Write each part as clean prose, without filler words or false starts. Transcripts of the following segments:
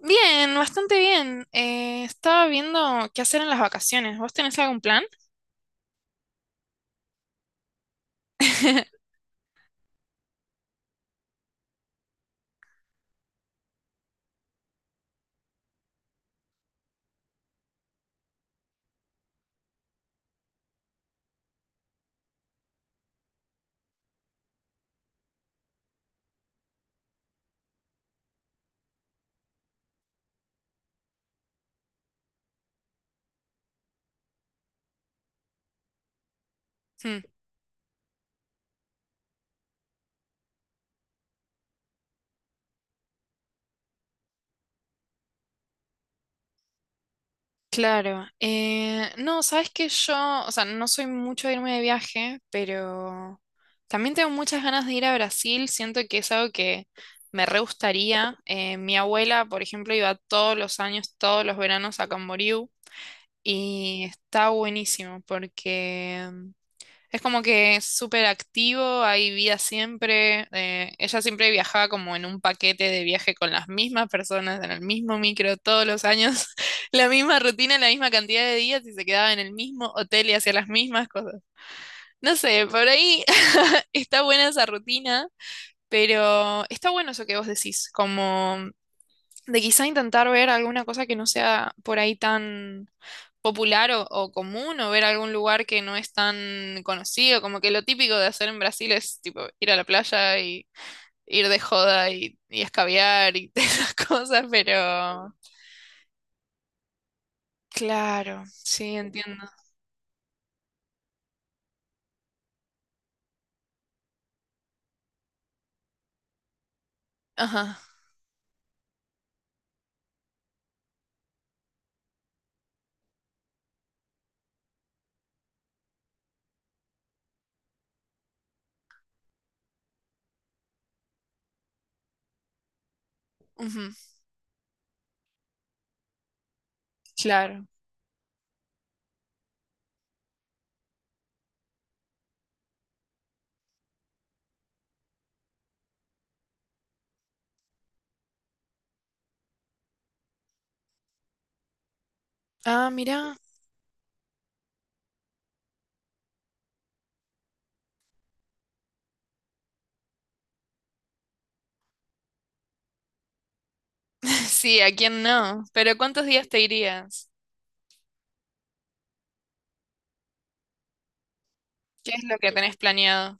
Bien, bastante bien. Estaba viendo qué hacer en las vacaciones. ¿Vos tenés algún plan? Hmm. Claro. No, sabes que yo, o sea, no soy mucho de irme de viaje, pero también tengo muchas ganas de ir a Brasil. Siento que es algo que me re gustaría. Mi abuela, por ejemplo, iba todos los años, todos los veranos a Camboriú y está buenísimo porque es como que es súper activo, hay vida siempre. Ella siempre viajaba como en un paquete de viaje con las mismas personas, en el mismo micro todos los años, la misma rutina, la misma cantidad de días y se quedaba en el mismo hotel y hacía las mismas cosas. No sé, por ahí está buena esa rutina, pero está bueno eso que vos decís, como de quizá intentar ver alguna cosa que no sea por ahí tan popular o común, o ver algún lugar que no es tan conocido, como que lo típico de hacer en Brasil es tipo ir a la playa y ir de joda y escabiar y esas cosas, pero claro, sí, entiendo. Ajá, ujú, claro. Ah, mira, sí, ¿a quién no? Pero ¿cuántos días te irías? ¿Qué es lo que tenés planeado?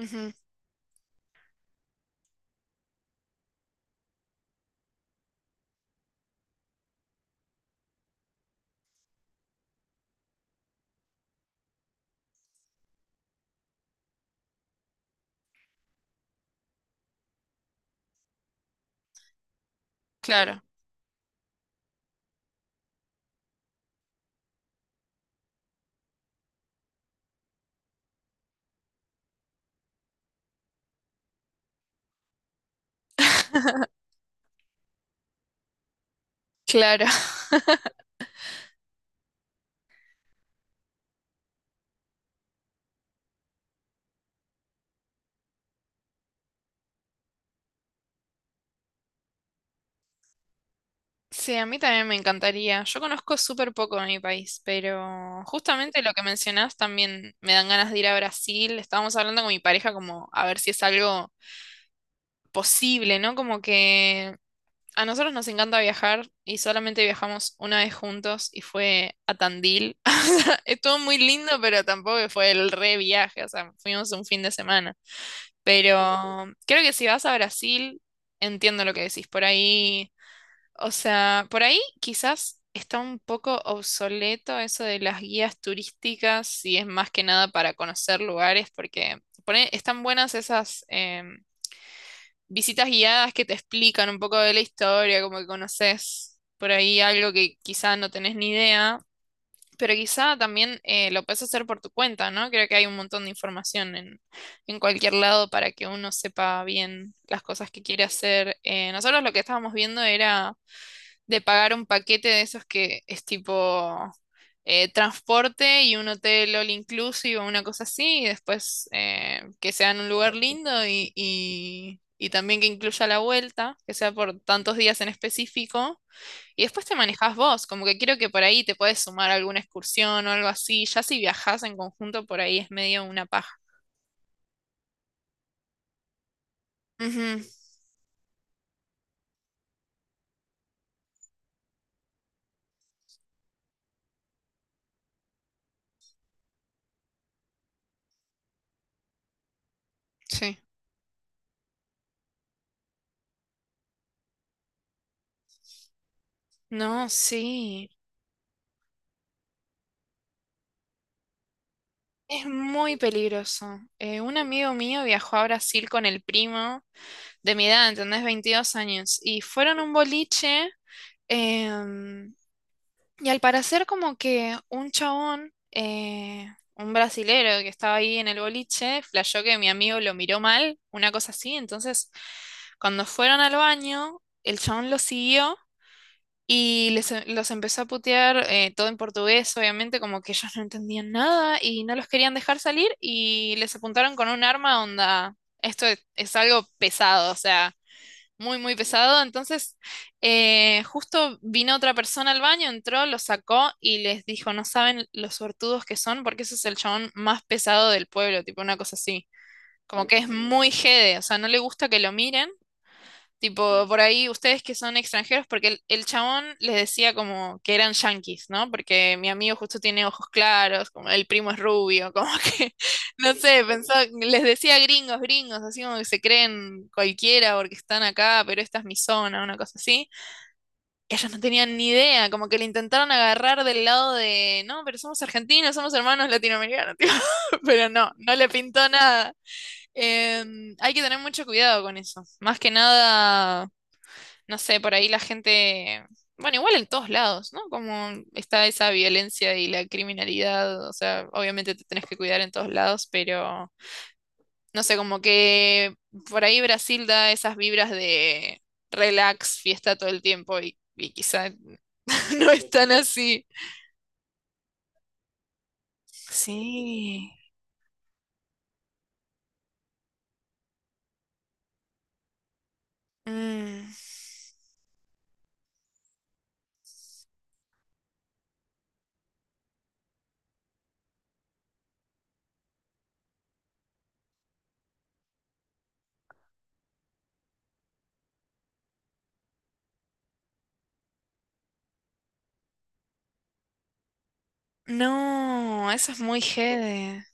Ujú, claro, claro. Sí, a mí también me encantaría. Yo conozco súper poco de mi país, pero justamente lo que mencionás también me dan ganas de ir a Brasil. Estábamos hablando con mi pareja como a ver si es algo posible, ¿no? Como que a nosotros nos encanta viajar y solamente viajamos una vez juntos y fue a Tandil. O sea, estuvo muy lindo, pero tampoco que fue el re viaje, o sea, fuimos un fin de semana. Pero creo que si vas a Brasil, entiendo lo que decís por ahí. O sea, por ahí quizás está un poco obsoleto eso de las guías turísticas, si es más que nada para conocer lugares, porque están buenas esas visitas guiadas que te explican un poco de la historia, como que conoces por ahí algo que quizás no tenés ni idea, pero quizá también lo puedes hacer por tu cuenta, ¿no? Creo que hay un montón de información en cualquier lado para que uno sepa bien las cosas que quiere hacer. Nosotros lo que estábamos viendo era de pagar un paquete de esos que es tipo transporte y un hotel all inclusive o una cosa así, y después que sea en un lugar lindo y también que incluya la vuelta, que sea por tantos días en específico, y después te manejás vos, como que quiero que por ahí te puedes sumar a alguna excursión o algo así, ya si viajás en conjunto por ahí es medio una paja. Ujú, sí. No, sí. Es muy peligroso. Un amigo mío viajó a Brasil con el primo de mi edad, ¿entendés? 22 años. Y fueron a un boliche em, y al parecer como que un chabón, un brasilero que estaba ahí en el boliche, flashó que mi amigo lo miró mal, una cosa así. Entonces, cuando fueron al baño, el chabón los siguió. Y los empezó a putear todo en portugués, obviamente, como que ellos no entendían nada y no los querían dejar salir y les apuntaron con un arma onda. Esto es algo pesado, o sea, muy, muy pesado. Entonces, justo vino otra persona al baño, entró, lo sacó y les dijo, no saben los sortudos que son, porque ese es el chabón más pesado del pueblo, tipo una cosa así. Como que es muy jede, o sea, no le gusta que lo miren. Tipo, por ahí ustedes que son extranjeros, porque el chabón les decía como que eran yanquis, ¿no? Porque mi amigo justo tiene ojos claros, como el primo es rubio, como que no sé, pensó, les decía gringos, gringos, así como que se creen cualquiera porque están acá, pero esta es mi zona, una cosa así. Ellos no tenían ni idea, como que le intentaron agarrar del lado de, no, pero somos argentinos, somos hermanos latinoamericanos, tipo, pero no, no le pintó nada. Hay que tener mucho cuidado con eso. Más que nada no sé, por ahí la gente, bueno, igual en todos lados, ¿no? Como está esa violencia y la criminalidad, o sea, obviamente te tenés que cuidar en todos lados, pero no sé, como que por ahí Brasil da esas vibras de relax, fiesta todo el tiempo y quizá no es tan así. Sí. Mm. No, eso es muy jede.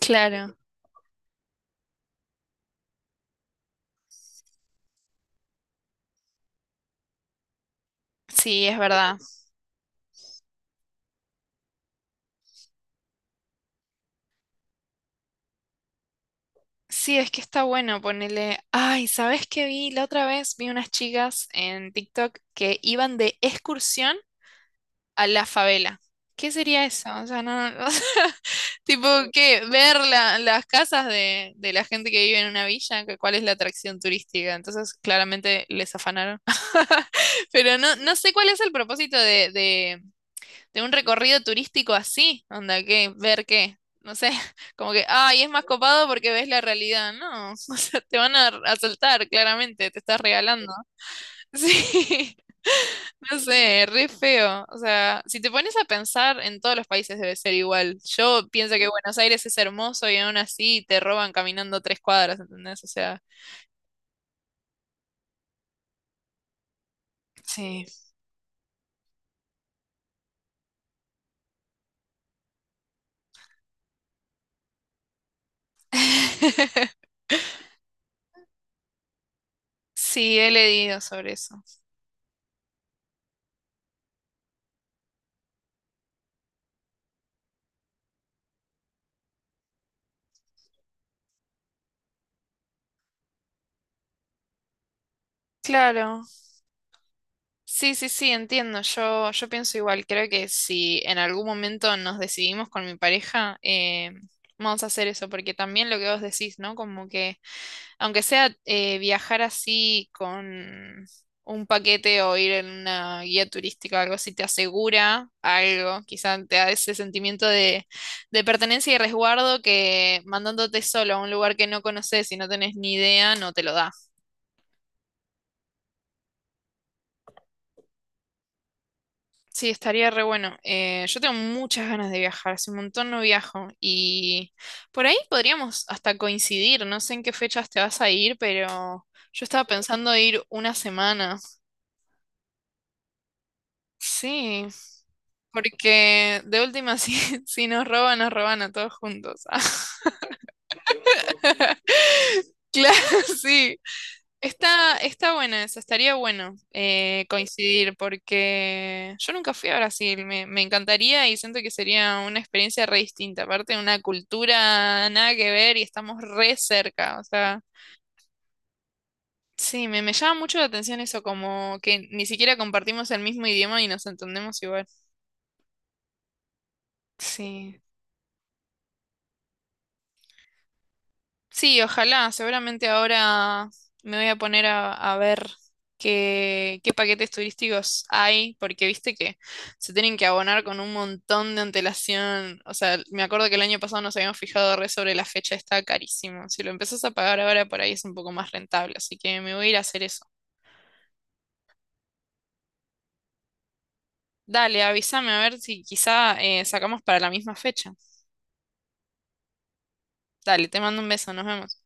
Claro, sí, es verdad. Sí, es que está bueno ponerle. Ay, ¿sabes qué vi? La otra vez vi unas chicas en TikTok que iban de excursión a la favela. ¿Qué sería eso? O sea, o sea, tipo, ¿qué? Las casas de la gente que vive en una villa, que- ¿cuál es la atracción turística? Entonces, claramente les afanaron. Pero no, no sé cuál es el propósito de un recorrido turístico así, onda, que ver qué, no sé, como que, ay, es más copado porque ves la realidad, no, o sea, te van a asaltar, claramente, te estás regalando. Sí, no sé, re feo, o sea, si te pones a pensar, en todos los países debe ser igual. Yo pienso que Buenos Aires es hermoso y aún así te roban caminando 3 cuadras, ¿entendés? O sea, sí. Sí, he leído sobre eso. Claro. Sí, sí, sí, entiendo. Yo pienso igual. Creo que si en algún momento nos decidimos con mi pareja, vamos a hacer eso, porque también lo que vos decís, ¿no? Como que aunque sea viajar así con un paquete o ir en una guía turística o algo así, te asegura algo, quizá te da ese sentimiento de pertenencia y resguardo que mandándote solo a un lugar que no conoces y no tenés ni idea, no te lo da. Sí, estaría re bueno. Yo tengo muchas ganas de viajar, hace un montón no viajo y por ahí podríamos hasta coincidir, no sé en qué fechas te vas a ir, pero yo estaba pensando ir una semana. Sí, porque de última si si nos roban, nos roban a todos juntos. Claro, sí. Está buena esa, estaría bueno coincidir porque yo nunca fui a Brasil, me encantaría y siento que sería una experiencia re distinta, aparte de una cultura nada que ver y estamos re cerca, o sea, sí, me llama mucho la atención eso, como que ni siquiera compartimos el mismo idioma y nos entendemos igual. Sí. Sí, ojalá. Seguramente ahora me voy a poner a ver qué, qué paquetes turísticos hay, porque viste que se tienen que abonar con un montón de antelación. O sea, me acuerdo que el año pasado nos habíamos fijado re sobre la fecha, está carísimo. Si lo empezás a pagar ahora por ahí es un poco más rentable, así que me voy a ir a hacer eso. Dale, avísame a ver si quizá sacamos para la misma fecha. Dale, te mando un beso, nos vemos.